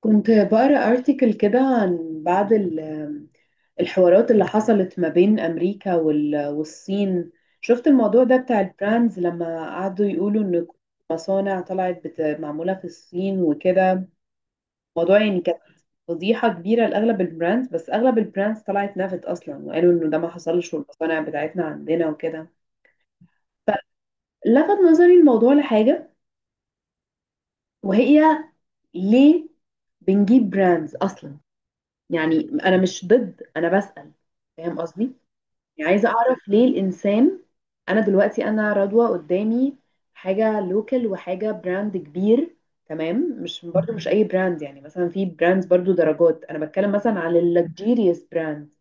كنت بقرا ارتكل كده عن بعض الحوارات اللي حصلت ما بين امريكا والصين. شفت الموضوع ده بتاع البراندز لما قعدوا يقولوا ان مصانع طلعت معموله في الصين وكده. الموضوع يعني كانت فضيحه كبيره لاغلب البراندز، بس اغلب البراندز طلعت نفت اصلا وقالوا انه ده ما حصلش والمصانع بتاعتنا عندنا وكده. لفت نظري الموضوع لحاجه، وهي ليه بنجيب براندز اصلا؟ يعني انا مش ضد، انا بسأل. فاهم قصدي؟ يعني عايزة اعرف ليه الانسان. انا دلوقتي انا رضوى قدامي حاجة لوكال وحاجة براند كبير. تمام، مش برضو مش اي براند، يعني مثلا في براندز برضو درجات، انا بتكلم مثلا على اللكجيريوس براند.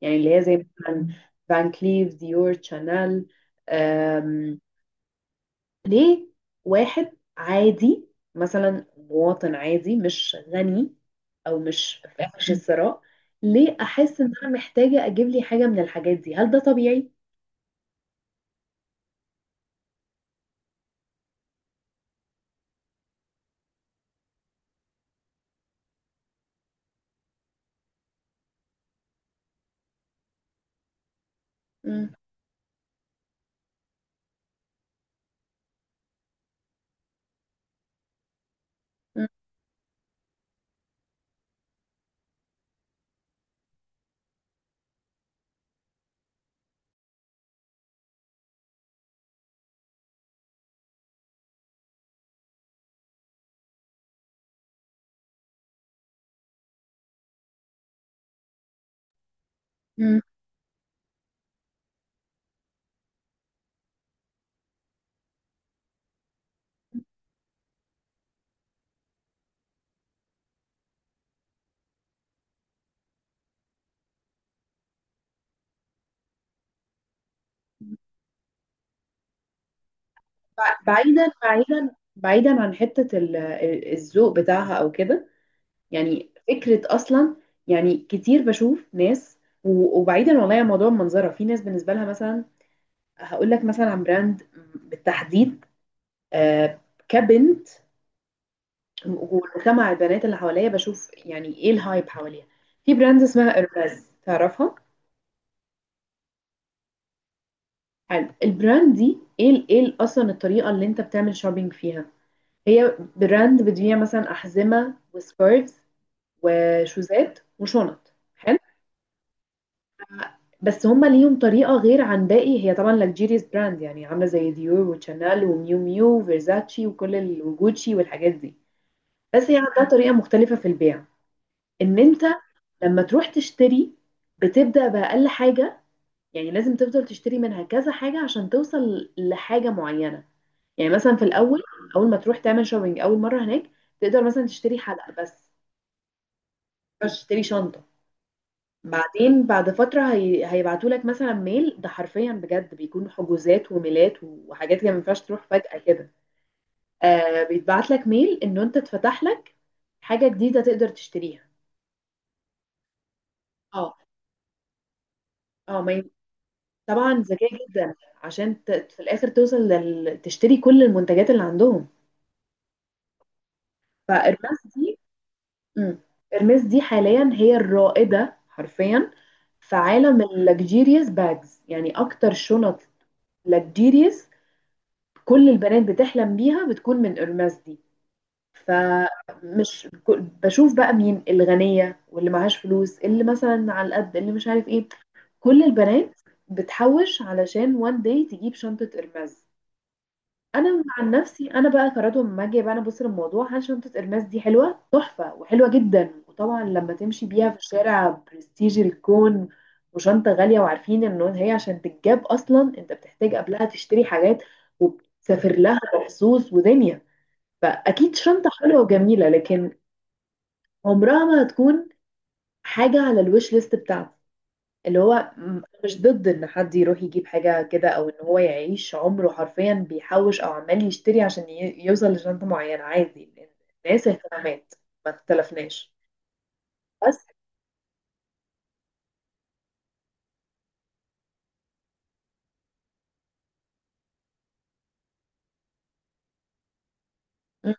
يعني اللي هي زي مثلا فان كليف، ديور، شانيل. ليه واحد عادي، مثلا مواطن عادي مش غني او مش في عش الثراء، ليه احس ان انا محتاجه اجيب لي حاجه من الحاجات دي؟ هل ده طبيعي؟ مم. مم. مم. بعيدا بعيدا بعيدا عن حته الذوق بتاعها او كده، يعني فكره اصلا. يعني كتير بشوف ناس، وبعيدا والله عن موضوع المنظره، في ناس بالنسبه لها مثلا. هقول لك مثلا عن براند بالتحديد، آه، كبنت ومجتمع البنات اللي حواليا، بشوف يعني ايه الهايب حواليها. في براند اسمها ارباز، تعرفها؟ حلو. البراند دي اصلا الطريقه اللي انت بتعمل شوبينج فيها، هي براند بتبيع مثلا احزمه وسكارفز وشوزات وشنط. حلو. بس هما ليهم طريقه غير عن باقي، هي طبعا لكجيريس براند، يعني عامله زي ديور وشانيل وميو ميو وفيرزاتشي وجوتشي والحاجات دي. بس هي عندها طريقه مختلفه في البيع، ان انت لما تروح تشتري بتبدأ بأقل حاجة. يعني لازم تفضل تشتري منها كذا حاجة عشان توصل لحاجة معينة. يعني مثلا في الأول، أول ما تروح تعمل شوبينج أول مرة هناك، تقدر مثلا تشتري حلقة بس، مش تشتري شنطة. بعدين بعد فترة هيبعتوا لك مثلا ميل. ده حرفيا بجد بيكون حجوزات وميلات وحاجات كده، ما ينفعش تروح فجأة كده. بيتبعت لك ميل إنه أنت اتفتح لك حاجة جديدة تقدر تشتريها. اه اه. ما طبعا ذكية جدا. عشان في الآخر توصل تشتري كل المنتجات اللي عندهم. فإرماس دي. مم. إرماس دي حاليا هي الرائدة حرفيا في عالم اللكجيريوس باجز، يعني أكتر شنط لكجيريوس. كل البنات بتحلم بيها بتكون من إرماس دي. فمش ك- بشوف بقى مين الغنية واللي معهاش فلوس، اللي مثلا على القد، اللي مش عارف ايه. كل البنات بتحوش علشان وان داي تجيب شنطة إرماس. انا عن نفسي انا بقى قررت لما اجي بقى انا ابص للموضوع عن شنطه الماس دي، حلوه تحفه وحلوه جدا. وطبعا لما تمشي بيها في الشارع برستيج الكون، وشنطه غاليه، وعارفين ان هي عشان تتجاب اصلا انت بتحتاج قبلها تشتري حاجات وبتسافر لها مخصوص ودنيا. فاكيد شنطه حلوه وجميله، لكن عمرها ما هتكون حاجه على الويش ليست بتاعتي. اللي هو مش ضد ان حد يروح يجيب حاجة كده، او ان هو يعيش عمره حرفيا بيحوش او عمال يشتري عشان يوصل لشنطة معينة. عادي. الناس اهتمامات، ما اختلفناش. بس. مم.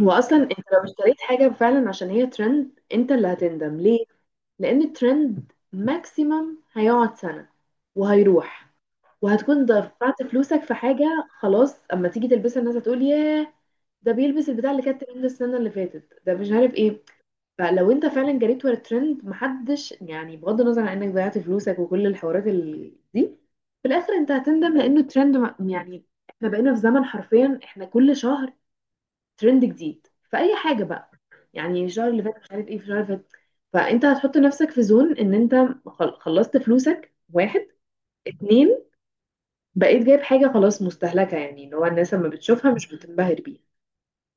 هو اصلا انت لو اشتريت حاجه فعلا عشان هي ترند، انت اللي هتندم. ليه؟ لان الترند ماكسيمم هيقعد سنه وهيروح، وهتكون دفعت فلوسك في حاجه. خلاص اما تيجي تلبسها الناس هتقول ياه، ده بيلبس البتاع اللي كانت ترند السنه اللي فاتت، ده مش عارف ايه. فلو انت فعلا جريت ورا الترند، محدش يعني، بغض النظر عن انك ضيعت فلوسك وكل الحوارات دي، في الاخر انت هتندم، لانه الترند يعني احنا بقينا في زمن حرفيا احنا كل شهر ترند جديد في اي حاجه بقى. يعني الشهر اللي فات مش عارف ايه في الشهر اللي فات. فانت هتحط نفسك في زون ان انت خلصت فلوسك. واحد، اتنين، بقيت جايب حاجه خلاص مستهلكه، يعني اللي هو الناس لما بتشوفها مش بتنبهر بيها.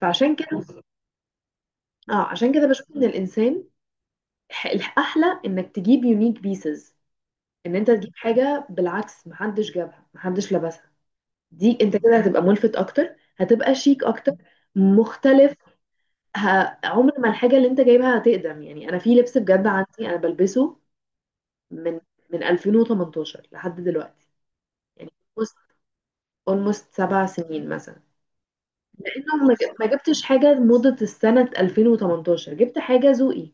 فعشان كده اه عشان كده بشوف ان الانسان، الاحلى انك تجيب يونيك بيسز، ان انت تجيب حاجه بالعكس محدش جابها محدش لبسها. دي انت كده هتبقى ملفت اكتر، هتبقى شيك اكتر، مختلف. ه... عمر ما الحاجه اللي انت جايبها هتقدم. يعني انا في لبس بجد عندي انا بلبسه من من 2018 لحد دلوقتي، يعني اولموست 7 سنين مثلا، لانه ما جبتش حاجه موضه السنه 2018، جبت حاجه ذوقي.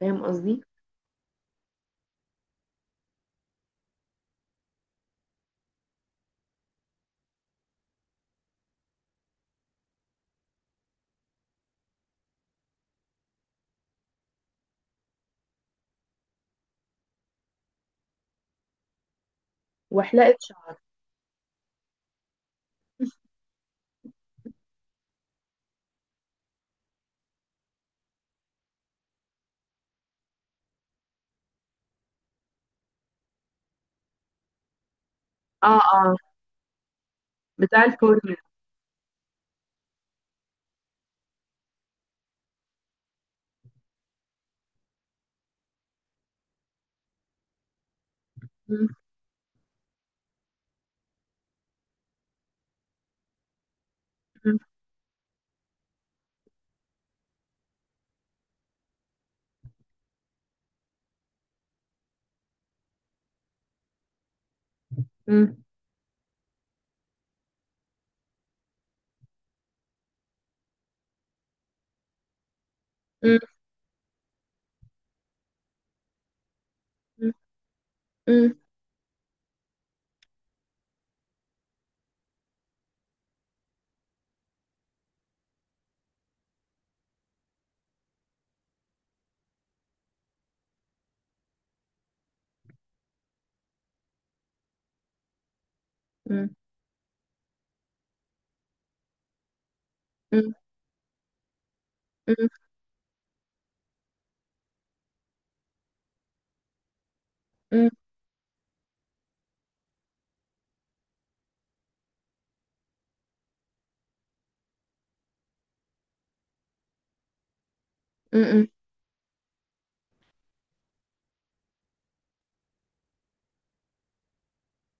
فاهم قصدي؟ وحلقت شعر. اه اه. بتاع الفورمولا. مم، مم، مم، مم، مم، مم، مم، مم، مم، مم.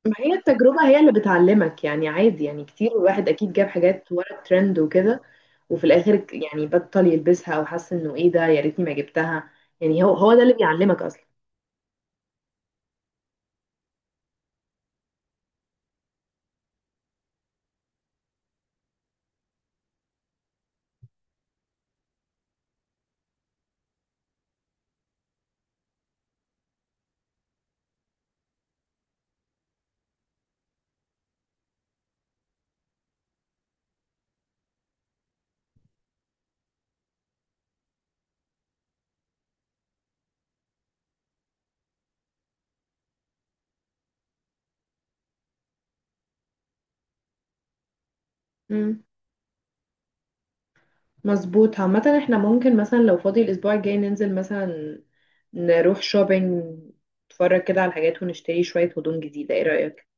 ما هي التجربة هي اللي بتعلمك. يعني عادي، يعني كتير الواحد أكيد جاب حاجات ورا الترند وكده، وفي الآخر يعني بطل يلبسها أو حس إنه إيه ده، يا ريتني ما جبتها. يعني هو هو ده اللي بيعلمك أصلا. مم. مظبوط. عامة احنا ممكن مثلا لو فاضي الأسبوع الجاي ننزل مثلا، نروح شوبينج، نتفرج كده على الحاجات ونشتري شوية هدوم جديدة. ايه رأيك؟